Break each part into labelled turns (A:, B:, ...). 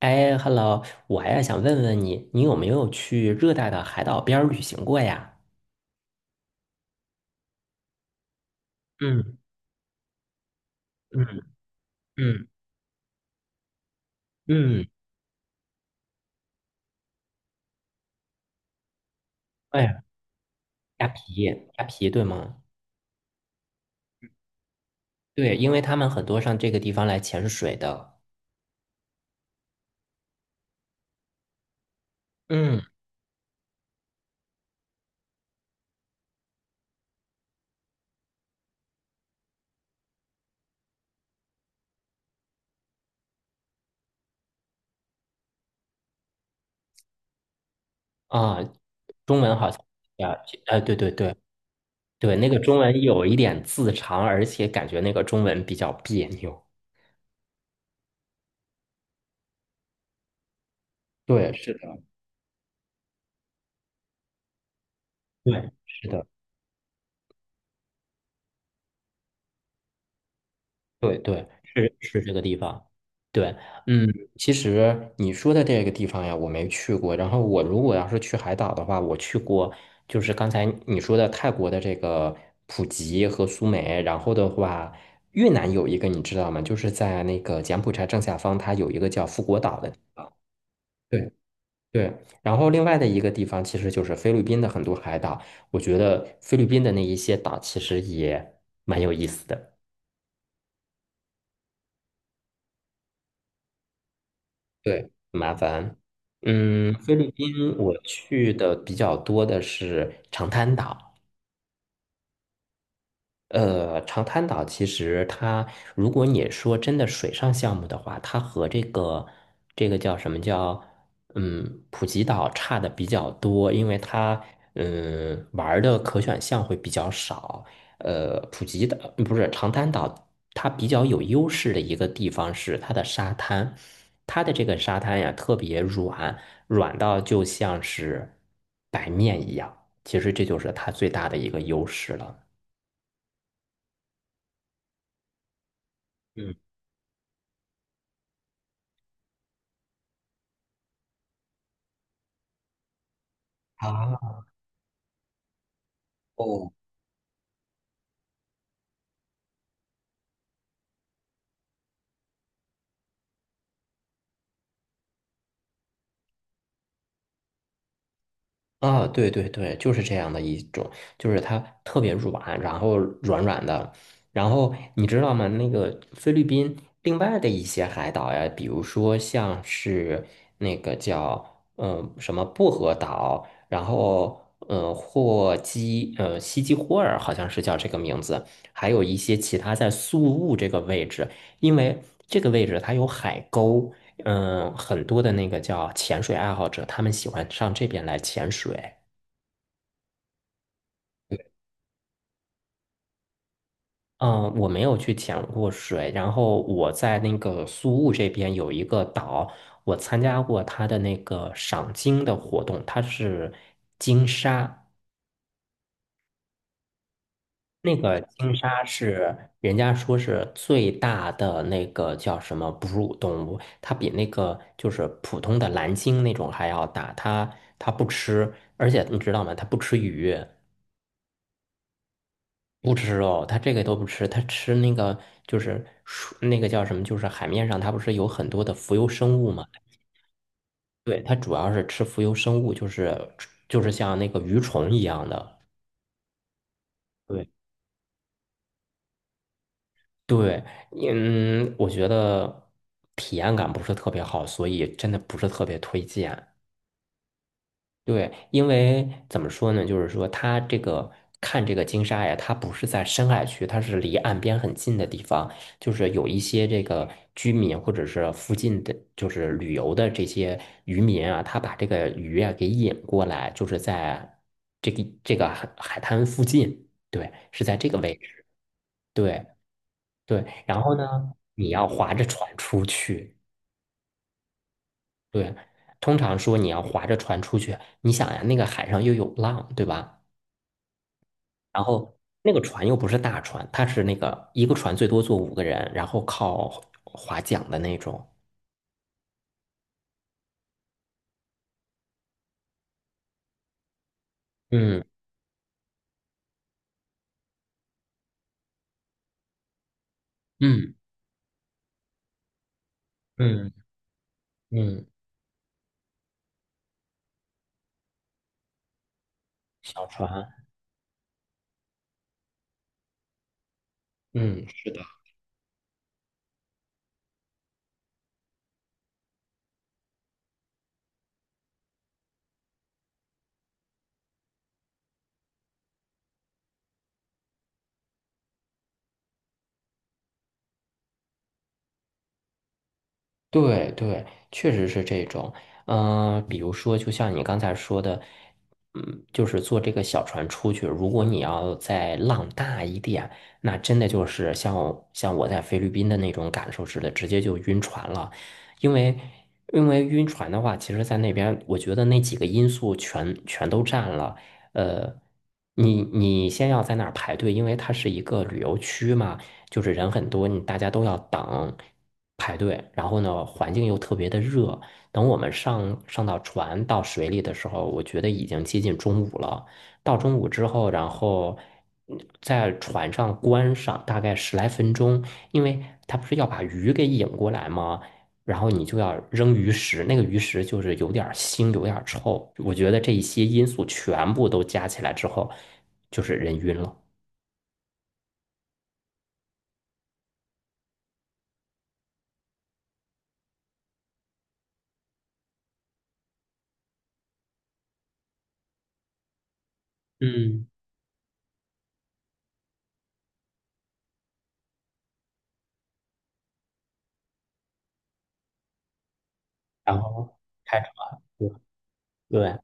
A: 哎，Hello，我呀想问问你，你有没有去热带的海岛边儿旅行过呀？嗯嗯嗯嗯，哎呀，虾皮，虾皮对吗？对，因为他们很多上这个地方来潜水的。嗯啊，中文好像啊，对对对对，那个中文有一点字长，而且感觉那个中文比较别扭。对，是的，对，是的。对对，是这个地方。对，嗯，其实你说的这个地方呀，我没去过。然后我如果要是去海岛的话，我去过，就是刚才你说的泰国的这个普吉和苏梅。然后的话，越南有一个你知道吗？就是在那个柬埔寨正下方，它有一个叫富国岛的地方。对对，然后另外的一个地方其实就是菲律宾的很多海岛。我觉得菲律宾的那一些岛其实也蛮有意思的。对，麻烦。嗯，菲律宾我去的比较多的是长滩岛。长滩岛其实它，如果你说真的水上项目的话，它和这个叫什么叫普吉岛差的比较多，因为它玩儿的可选项会比较少。普吉岛不是长滩岛，它比较有优势的一个地方是它的沙滩，它的这个沙滩呀特别软，软到就像是白面一样，其实这就是它最大的一个优势了。嗯。啊，哦，啊，对对对，就是这样的一种，就是它特别软，然后软软的，然后你知道吗？那个菲律宾另外的一些海岛呀，比如说像是那个叫什么薄荷岛，然后呃霍基呃西基霍尔好像是叫这个名字，还有一些其他在宿雾这个位置，因为这个位置它有海沟。嗯，很多的那个叫潜水爱好者，他们喜欢上这边来潜水。嗯，我没有去潜过水，然后我在那个苏雾这边有一个岛，我参加过它的那个赏鲸的活动，它是鲸鲨，那个鲸鲨是人家说是最大的那个叫什么哺乳动物，它比那个就是普通的蓝鲸那种还要大，它不吃，而且你知道吗？它不吃鱼。不吃肉，他这个都不吃，他吃那个就是那个叫什么，就是海面上它不是有很多的浮游生物嘛？对，它主要是吃浮游生物，就是像那个鱼虫一样的。对对，嗯，我觉得体验感不是特别好，所以真的不是特别推荐。对，因为怎么说呢，就是说它这个看这个金沙呀，它不是在深海区，它是离岸边很近的地方，就是有一些这个居民或者是附近的，就是旅游的这些渔民啊，他把这个鱼啊给引过来，就是在这个海滩附近，对，是在这个位置，对对，然后呢，你要划着船出去，对，通常说你要划着船出去，你想呀，那个海上又有浪，对吧？然后那个船又不是大船，它是那个一个船最多坐五个人，然后靠划桨的那种。嗯嗯嗯嗯，小船。嗯，是的。对对，确实是这种。嗯、比如说，就像你刚才说的，嗯，就是坐这个小船出去，如果你要再浪大一点，那真的就是像我在菲律宾的那种感受似的，直接就晕船了。因为因为晕船的话，其实在那边，我觉得那几个因素全都占了。呃，你先要在那儿排队，因为它是一个旅游区嘛。就是人很多，你大家都要等排队，然后呢，环境又特别的热。等我们上到船到水里的时候，我觉得已经接近中午了。到中午之后，然后在船上关上大概十来分钟，因为他不是要把鱼给引过来吗？然后你就要扔鱼食，那个鱼食就是有点儿腥，有点儿臭。我觉得这一些因素全部都加起来之后，就是人晕了。嗯，然后开始。对，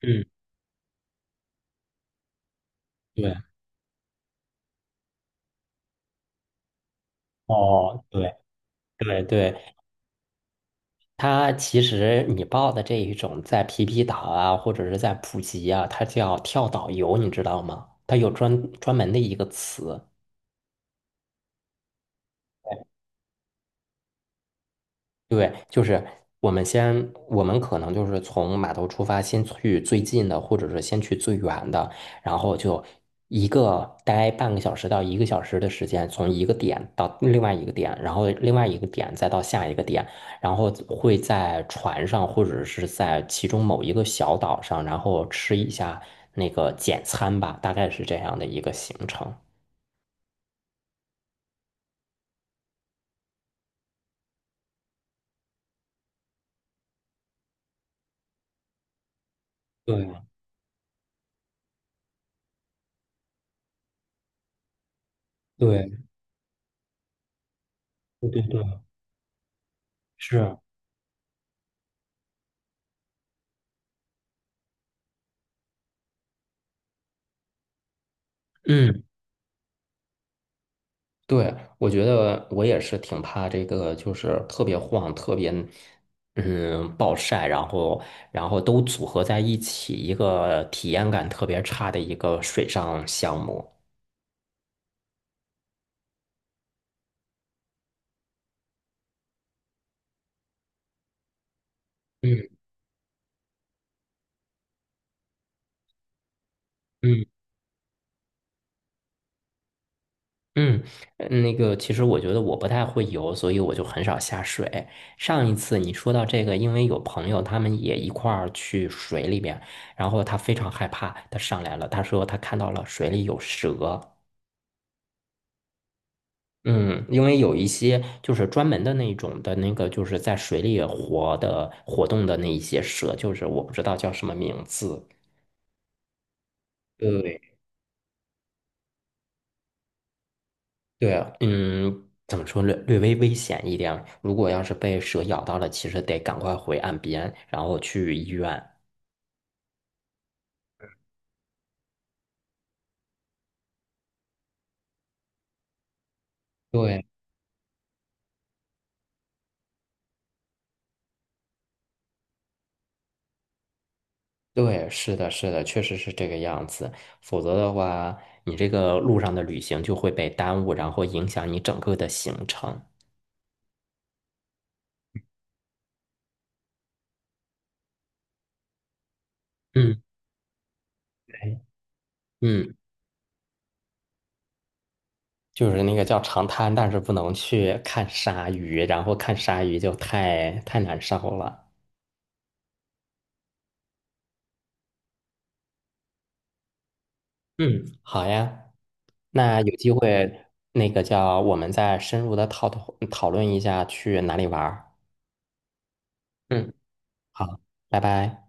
A: 嗯，对，哦，对，对对，它其实你报的这一种在皮皮岛啊，或者是在普吉啊，它叫跳岛游，你知道吗？它有专门的一个词。对，就是我们先，我们可能就是从码头出发，先去最近的，或者是先去最远的，然后就一个待半个小时到一个小时的时间，从一个点到另外一个点，然后另外一个点再到下一个点，然后会在船上或者是在其中某一个小岛上，然后吃一下那个简餐吧，大概是这样的一个行程。对对对对对，是，嗯。对，我觉得我也是挺怕这个，就是特别晃，特别暴晒，然后都组合在一起，一个体验感特别差的一个水上项目。嗯嗯嗯，那个其实我觉得我不太会游，所以我就很少下水。上一次你说到这个，因为有朋友他们也一块儿去水里面，然后他非常害怕，他上来了，他说他看到了水里有蛇。嗯，因为有一些就是专门的那种的那个，就是在水里活动的那一些蛇，就是我不知道叫什么名字。对对啊，嗯，怎么说略微危险一点。如果要是被蛇咬到了，其实得赶快回岸边，然后去医院。对对，是的，是的，确实是这个样子。否则的话，你这个路上的旅行就会被耽误，然后影响你整个的行程。嗯，对嗯。就是那个叫长滩，但是不能去看鲨鱼，然后看鲨鱼就太难受了。嗯，好呀，那有机会那个叫我们再深入的讨论一下去哪里玩儿。嗯，好，拜拜。